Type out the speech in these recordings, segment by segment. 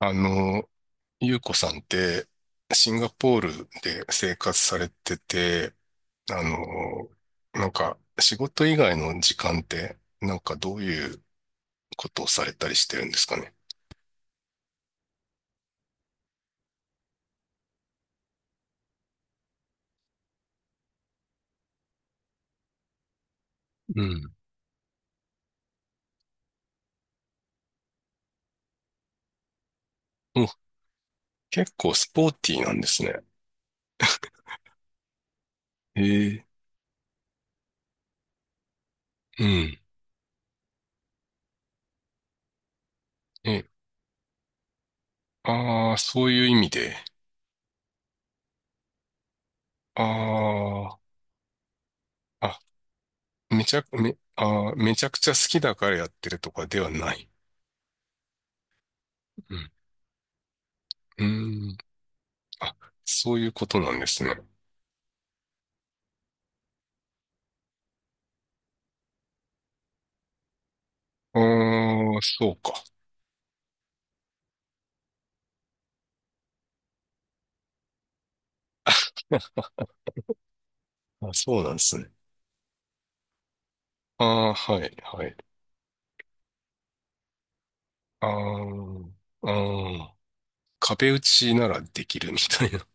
あの、ゆうこさんって、シンガポールで生活されてて、あの、なんか、仕事以外の時間って、なんかどういうことをされたりしてるんですかね。うん。お、結構スポーティーなんですね。へえ、うん。え、ああ、そういう意味で。ああ、あ、めちゃくちゃ好きだからやってるとかではない。うん。うーん。あ、そういうことなんですね。ああ、そうか。あ、そうなんですね。ああ、はい、はい。ああ、ああ、壁打ちならできるみたいな。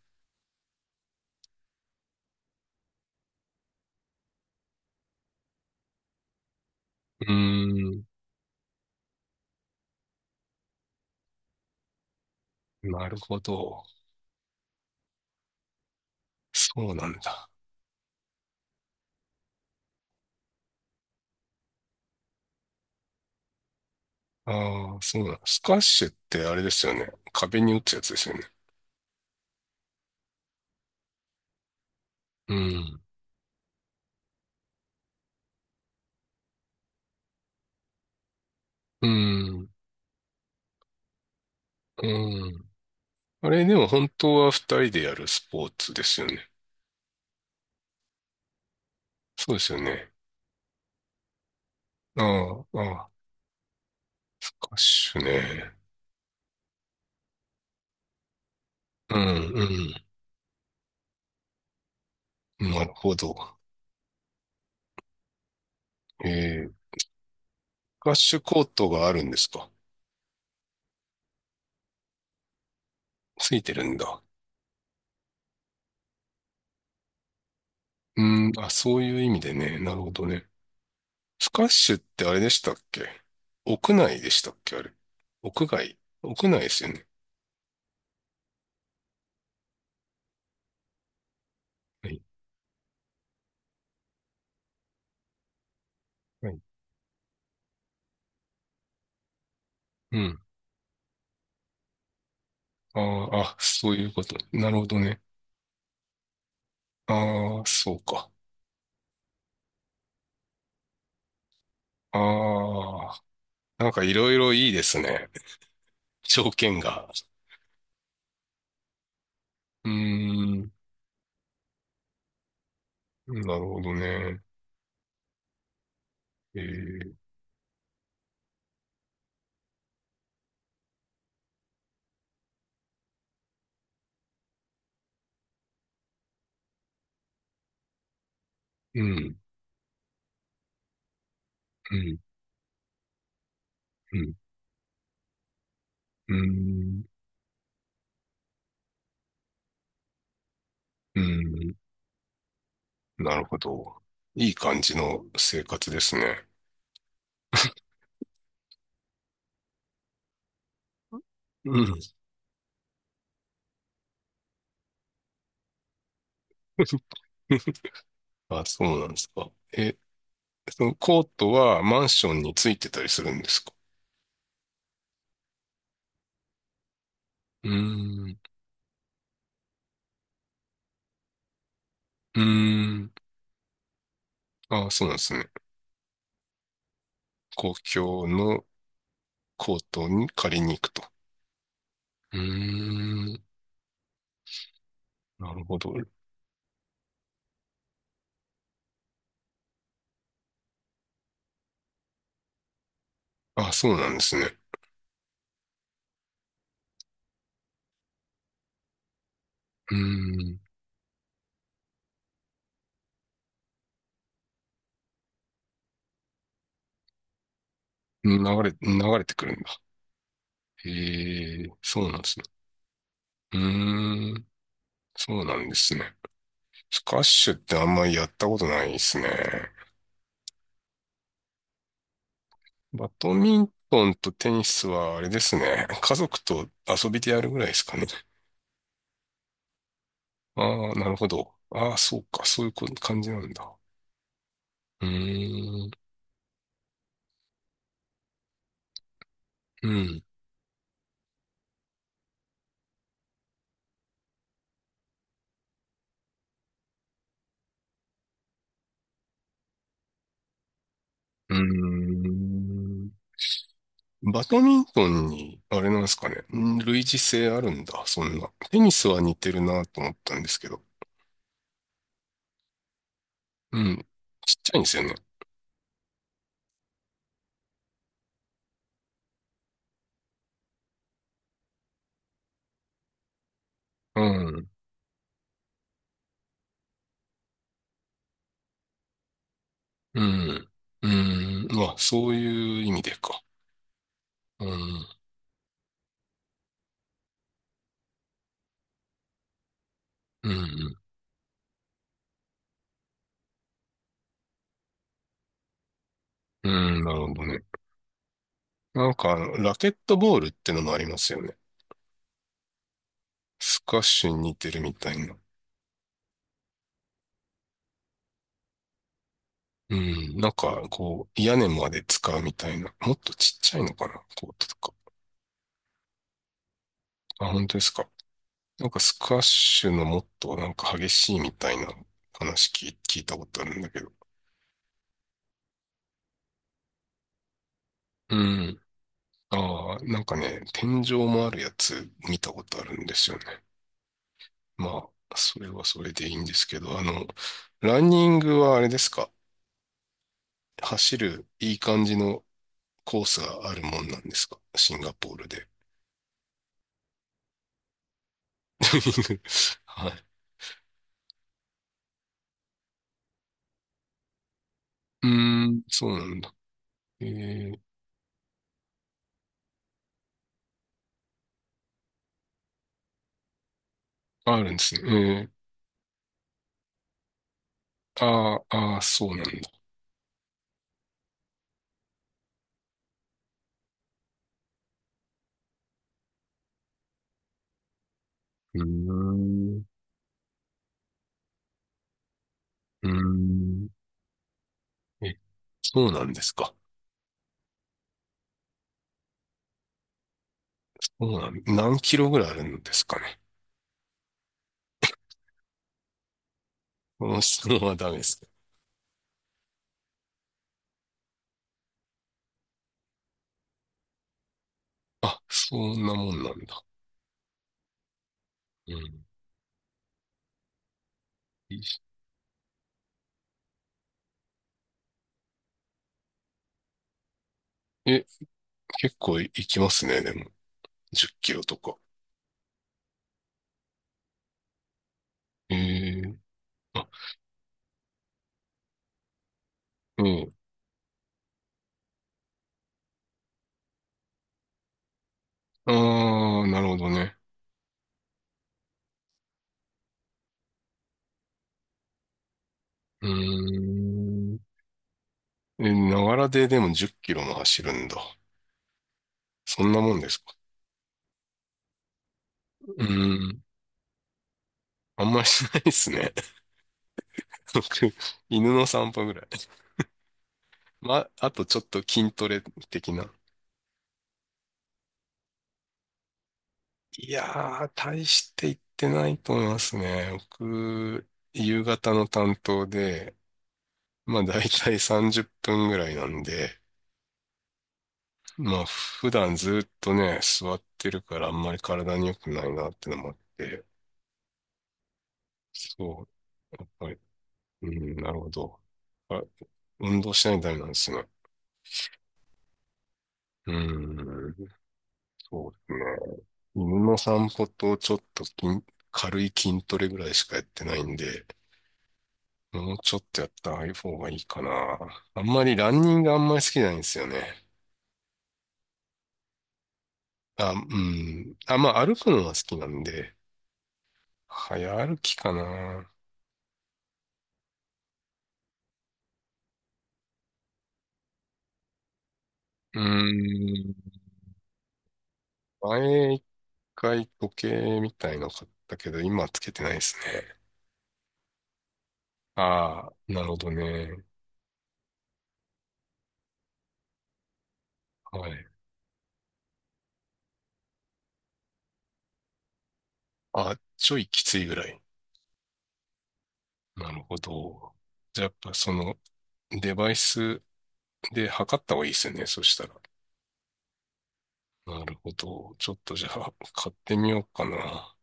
うーん、なるほど。そうなんだ。ああ、そうなんだ。スカッシュってあれですよね。壁に打つやつですよね。うん、うん、うん。あれでも本当は二人でやるスポーツですよね。そうですよね。ああ、ああ、スカッシュね。うん、うん。なるほど。ええ、スカッシュコートがあるんですか？ついてるんだ。うん、あ、そういう意味でね。なるほどね。スカッシュってあれでしたっけ？屋内でしたっけ、あれ。屋外、屋内ですよね。はい。はい、うん。あーあ、そういうこと。なるほどね。ああ、そうか。ああ、なんかいろいろいいですね。条件が。うーん。なるほどね。えー、うん、うん、うん、うん、うん。なるほど。いい感じの生活ですね。うん。あ、そうなんですか。え、そのコートはマンションについてたりするんですか？うーん。うーん。あ、そうなんですね。公共のコートに借りに行くと。うーん。なるほど。あ、そうなんですね。うーん。流流れてくるんだ。へえ、そうなんですね。うーん。そうなんですね。スカッシュってあんまりやったことないですね。バドミントンとテニスはあれですね。家族と遊びでやるぐらいですかね。ああ、なるほど。ああ、そうか。そういうこ感じなんだ。うーん。うん。うーん。バドミントンに、あれなんですかね。類似性あるんだ、そんな。テニスは似てるなと思ったんですけど。うん。ちっちゃいんですよね。うん。うん。うん。まあ、そういう意味でか。うん。うん。うん。なるほどね。なんかラケットボールってのもありますよね。スカッシュに似てるみたいな。うん。なんか、こう、屋根まで使うみたいな。もっとちっちゃいのかな、コートとか。あ、本当ですか。なんかスカッシュのもっとなんか激しいみたいな話聞いたことあるんだけど。うん。ああ、なんかね、天井もあるやつ見たことあるんですよね。まあ、それはそれでいいんですけど、ランニングはあれですか？走るいい感じのコースがあるもんなんですか、シンガポールで。はい。うーん、そうなんだ。えー、あるんですね。あーあー、そうなんだ。うーん、うーん。え、そうなんですか。そうなん、何キロぐらいあるんですかね。この質問はダメですね。あ、そんなもんなんだ。うん。え、結構いきますね、でも。10キロとか。えー、あ、うん。ああ、なるほどね。うーん。え、ながらででも10キロも走るんだ。そんなもんですか？うーん。あんまりしないですね。僕、犬の散歩ぐらい。まあ、あとちょっと筋トレ的な。いやー、大して行ってないと思いますね。僕、夕方の担当で、まあ大体30分ぐらいなんで、まあ普段ずっとね、座ってるからあんまり体に良くないなってのもあって、そう。うん、なるほど。あ、運動しないとダメなんですね。うん、そうですね。犬の散歩とちょっと軽い筋トレぐらいしかやってないんで、もうちょっとやった方がいいかな。あんまりランニングあんまり好きじゃないんですよね。あ、うん。あ、まあ歩くのは好きなんで、早歩きかな。うーん。前一回時計みたいの買ったけど、今はつけてないですね。ああ、なるほどね。はい。あ、ちょいきついぐらい。なるほど。じゃあやっぱそのデバイスで測った方がいいですよね、そしたら。なるほど。ちょっとじゃあ買ってみようかな。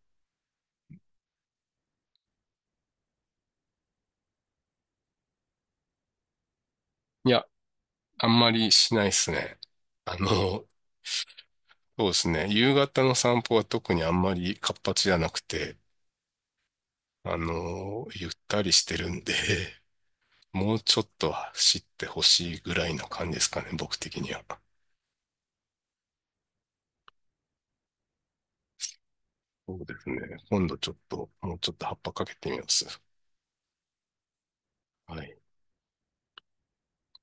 いや、あんまりしないですね。そうですね。夕方の散歩は特にあんまり活発じゃなくて、ゆったりしてるんで、もうちょっと走ってほしいぐらいな感じですかね、僕的には。そうですね。今度ちょっと、もうちょっと葉っぱかけてみます。はい。